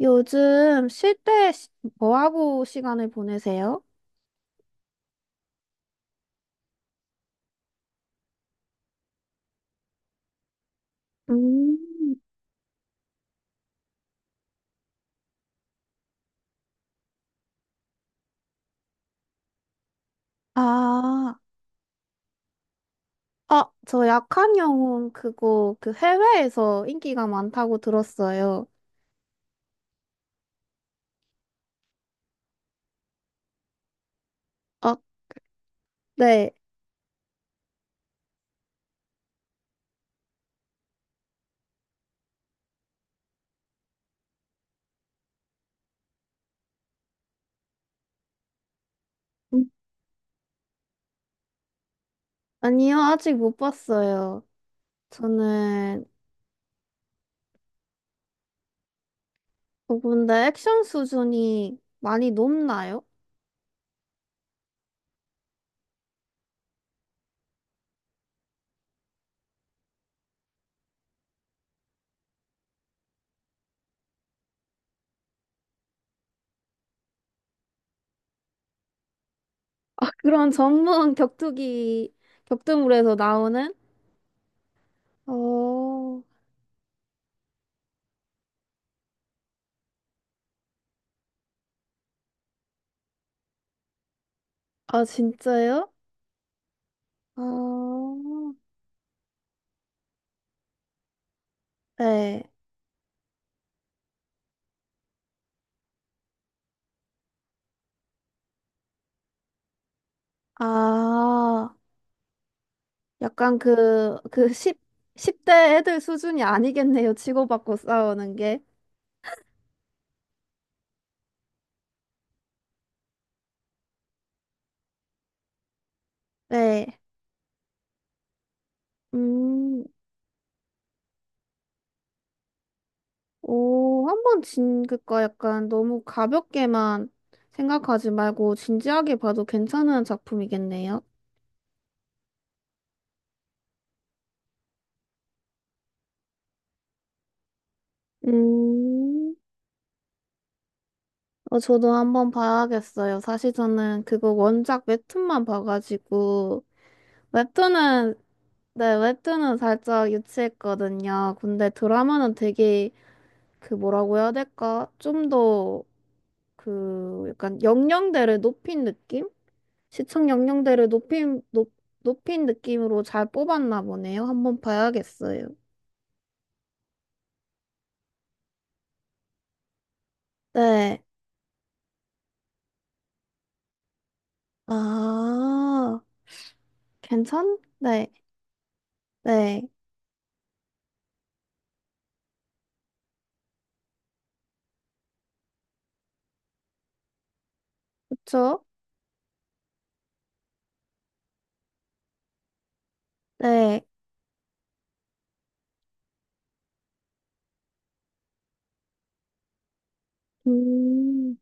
요즘 쉴 때 뭐 하고 시간을 보내세요? 음. 아, 저 약한 영혼 그거 그 해외에서 인기가 많다고 들었어요. 아, 네. 음. 아니요, 아직 못 봤어요. 저는. 근데 액션 수준이 많이 높나요? 그런 전문 격투기 격투물에서 나오는? 어, 아 진짜요? 아, 네. 아. 약간 그 10, 대 애들 수준이 아니겠네요. 치고받고 싸우는 게. 네. 음, 오, 한번 그니까 약간 너무 가볍게만 생각하지 말고 진지하게 봐도 괜찮은 작품이겠네요. 음, 저도 한번 봐야겠어요. 사실 저는 그거 원작 웹툰만 봐가지고, 웹툰은, 네, 웹툰은 살짝 유치했거든요. 근데 드라마는 되게, 그 뭐라고 해야 될까? 좀더 그 약간 영령대를 높인 느낌? 시청 영령대를 높인 높인 느낌으로 잘 뽑았나 보네요. 한번 봐야겠어요. 네. 아, 괜찮? 네. 네. 그쵸? 네. 음,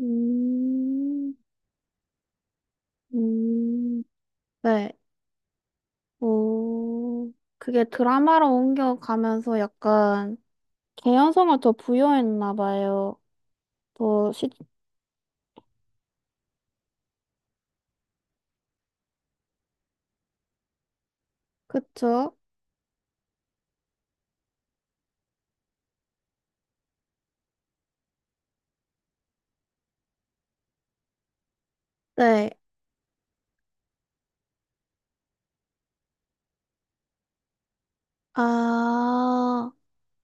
음, 음, 네. 오, 그게 드라마로 옮겨가면서 약간 개연성을 더 부여했나 봐요. 더 시, 그쵸? 네. 아,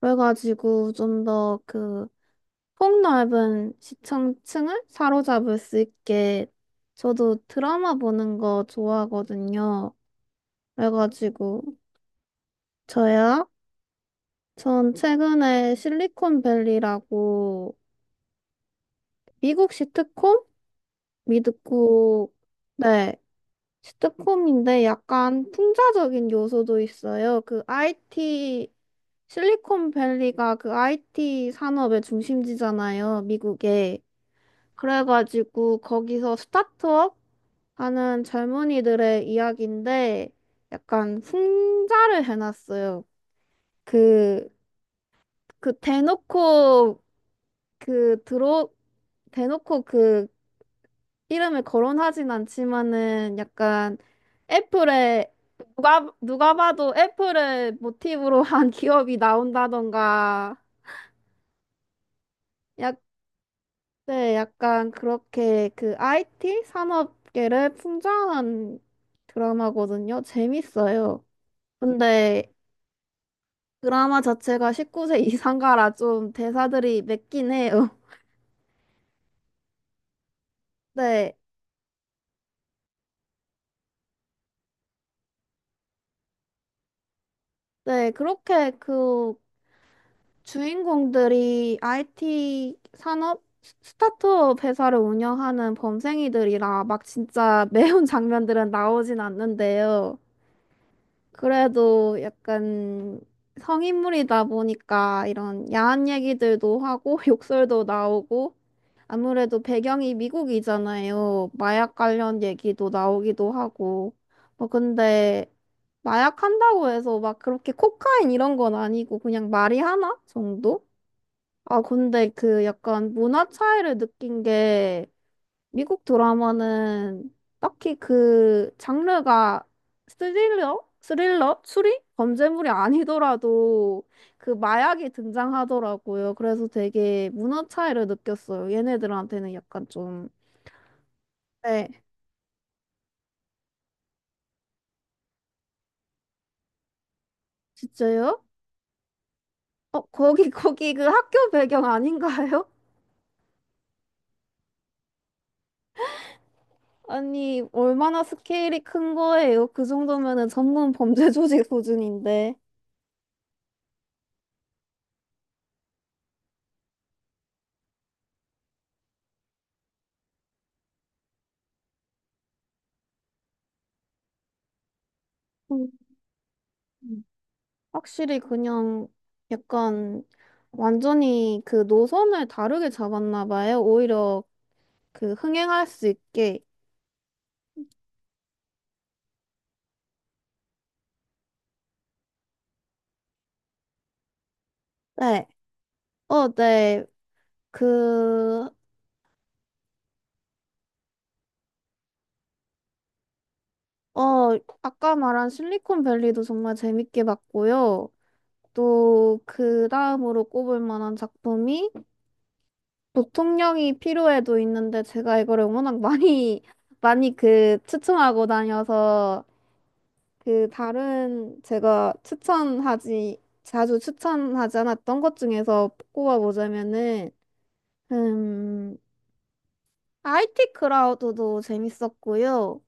그래가지고 좀 더 그 폭넓은 시청층을 사로잡을 수 있게. 저도 드라마 보는 거 좋아하거든요. 그래가지고 저야 전 최근에 실리콘밸리라고 미국 시트콤? 미드코. 네. 시트콤인데 약간 풍자적인 요소도 있어요. 그 IT. 실리콘밸리가 그 IT 산업의 중심지잖아요, 미국에. 그래가지고 거기서 스타트업 하는 젊은이들의 이야기인데 약간 풍자를 해놨어요. 그, 그 대놓고 그 들어, 대놓고 그 이름을 거론하진 않지만은 약간 애플에. 누가, 누가 봐도 애플을 모티브로 한 기업이 나온다던가. 네, 약간 그렇게 그 IT 산업계를 풍자한 드라마거든요. 재밌어요. 근데 드라마 자체가 19세 이상가라 좀 대사들이 맵긴 해요. 네, 네, 그렇게 그 주인공들이 IT 산업 스타트업 회사를 운영하는 범생이들이라 막 진짜 매운 장면들은 나오진 않는데요. 그래도 약간 성인물이다 보니까 이런 야한 얘기들도 하고 욕설도 나오고, 아무래도 배경이 미국이잖아요. 마약 관련 얘기도 나오기도 하고. 뭐 근데 마약 한다고 해서 막 그렇게 코카인 이런 건 아니고 그냥 말이 하나 정도? 아 근데 그 약간 문화 차이를 느낀 게, 미국 드라마는 딱히 그 장르가 스릴러? 스릴러? 추리? 범죄물이 아니더라도 그 마약이 등장하더라고요. 그래서 되게 문화 차이를 느꼈어요. 얘네들한테는 약간 좀. 네. 진짜요? 거기, 거기 그 학교 배경 아닌가요? 아니, 얼마나 스케일이 큰 거예요? 그 정도면은 전문 범죄 조직 수준인데. 음. 확실히 그냥 약간 완전히 그 노선을 다르게 잡았나 봐요. 오히려 그 흥행할 수 있게. 네. 어, 네. 그. 아까 말한 실리콘밸리도 정말 재밌게 봤고요. 또 그 다음으로 꼽을 만한 작품이 부통령이 필요해도 있는데, 제가 이거를 워낙 많이, 많이 그 추천하고 다녀서 그 다른 제가 추천하지 자주 추천하지 않았던 것 중에서 꼽아보자면은, 음 IT 크라우드도 재밌었고요.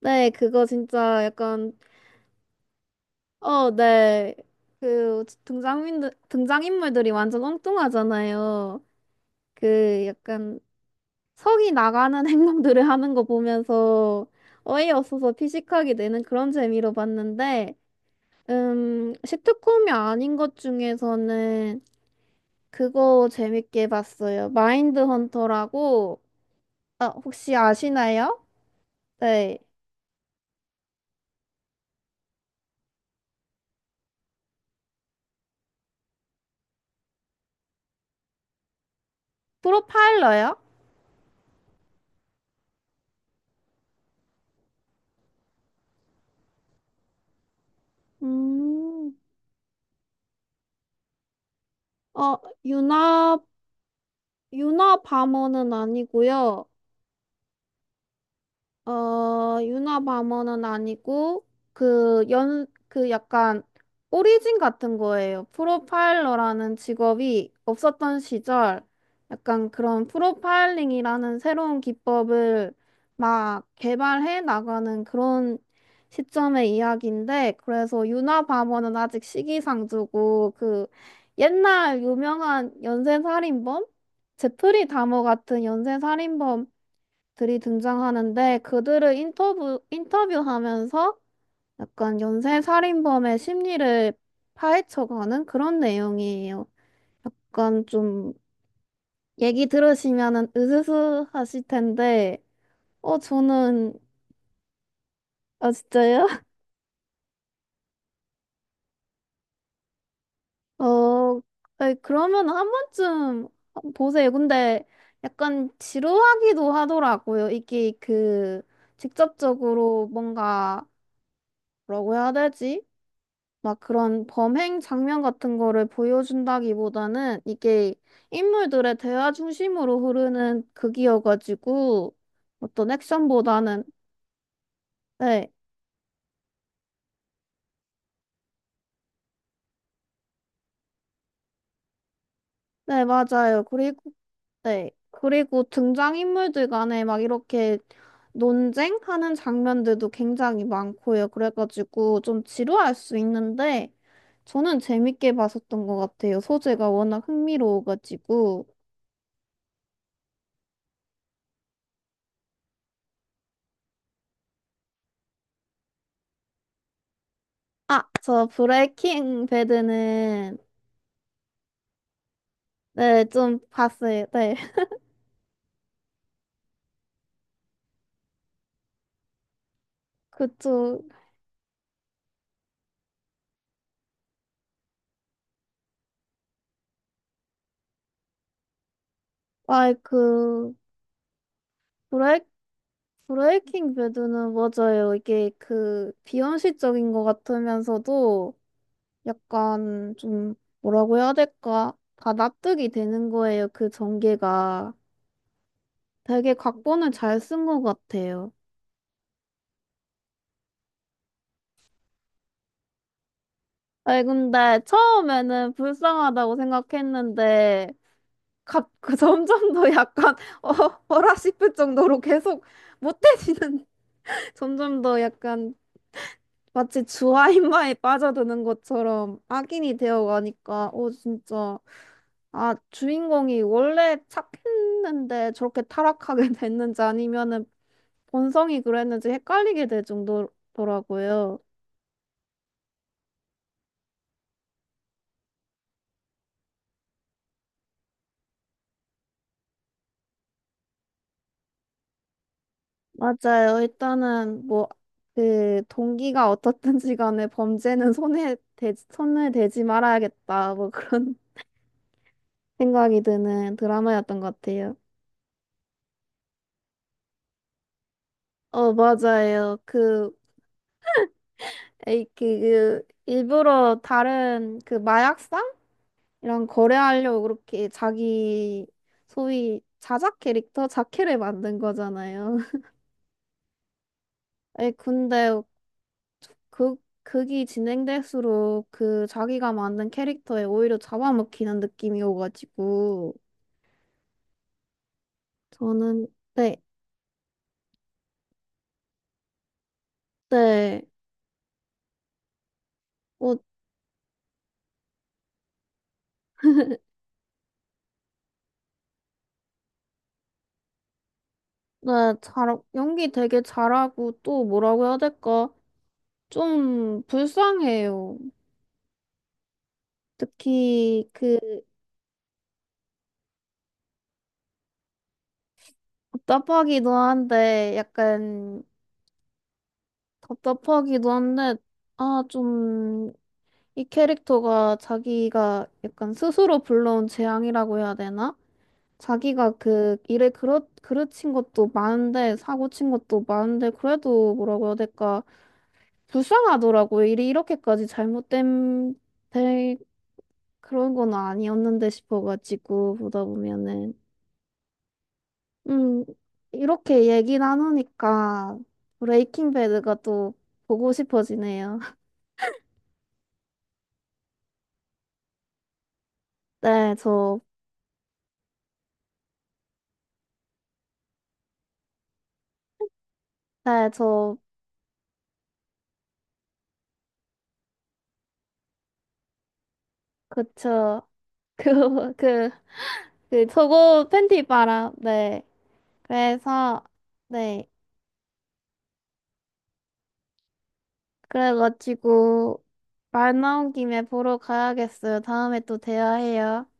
네, 그거 진짜 약간, 네. 그 등장인들 등장인물들이 완전 엉뚱하잖아요. 그 약간 성이 나가는 행동들을 하는 거 보면서 어이없어서 피식하게 되는 그런 재미로 봤는데, 시트콤이 아닌 것 중에서는 그거 재밌게 봤어요. 마인드 헌터라고, 아, 혹시 아시나요? 네. 프로파일러요? 음, 어, 유나, 유나 바머는 아니고요. 유나바머는 아니고, 그, 연, 그 약간, 오리진 같은 거예요. 프로파일러라는 직업이 없었던 시절, 약간 그런 프로파일링이라는 새로운 기법을 막 개발해 나가는 그런 시점의 이야기인데, 그래서 유나바머는 아직 시기상조고, 그, 옛날 유명한 연쇄살인범? 제프리 다머 같은 연쇄살인범 들이 등장하는데, 그들을 인터뷰하면서 약간 연쇄 살인범의 심리를 파헤쳐가는 그런 내용이에요. 약간 좀 얘기 들으시면은 으스스 하실 텐데, 저는. 아, 진짜요? 어, 아니, 그러면 한 번쯤 보세요. 근데 약간 지루하기도 하더라고요. 이게 그 직접적으로 뭔가 뭐라고 해야 되지? 막 그런 범행 장면 같은 거를 보여준다기보다는 이게 인물들의 대화 중심으로 흐르는 극이어가지고 어떤 액션보다는. 네, 네, 맞아요. 그리고, 네, 그리고 등장인물들 간에 막 이렇게 논쟁하는 장면들도 굉장히 많고요. 그래가지고 좀 지루할 수 있는데 저는 재밌게 봤었던 것 같아요. 소재가 워낙 흥미로워가지고. 아, 저 브레이킹 배드는. 네, 좀 봤어요. 네. 그쪽, 아, 그, 브레이 브레이킹 배드는 맞아요. 이게 그, 비현실적인 것 같으면서도 약간 좀, 뭐라고 해야 될까? 다 납득이 되는 거예요. 그 전개가. 되게 각본을 잘 쓴 것 같아요. 아니, 근데 처음에는 불쌍하다고 생각했는데, 갑, 그 점점 더 약간, 어, 어라 싶을 정도로 계속 못해지는 점점 더 약간 마치 주아인마에 빠져드는 것처럼 악인이 되어가니까, 진짜. 아, 주인공이 원래 착했는데 저렇게 타락하게 됐는지 아니면은 본성이 그랬는지 헷갈리게 될 정도더라고요. 맞아요. 일단은 뭐, 그, 동기가 어떻든지 간에 범죄는 손을 대지 말아야겠다. 뭐 그런 생각이 드는 드라마였던 것 같아요. 맞아요. 에이, 그 일부러 다른 그 마약상 이랑 거래하려고 그렇게 자기 소위 자작 캐릭터 자캐를 만든 거잖아요. 에이, 근데 그 극이 진행될수록 그 자기가 만든 캐릭터에 오히려 잡아먹히는 느낌이 오가지고. 저는. 네, 네, 어, 네, 잘 연기 되게 잘하고 또 뭐라고 해야 될까? 좀 불쌍해요. 특히 그. 답답하기도 한데, 약간. 답답하기도 한데, 아, 좀, 이 캐릭터가 자기가 약간 스스로 불러온 재앙이라고 해야 되나? 자기가 그 일에 그르친 것도 많은데, 사고 친 것도 많은데, 그래도 뭐라고 해야 될까? 불쌍하더라고요. 일이 이렇게까지 될 그런 건 아니었는데 싶어가지고, 보다 보면은. 음, 이렇게 얘기 나누니까 브레이킹 배드가 또 보고 싶어지네요. 네, 저. 네, 저. 그쵸. 그, 그, 그, 저거 팬티 바람. 네. 그래서. 네. 그래가지고, 말 나온 김에 보러 가야겠어요. 다음에 또 대화해요.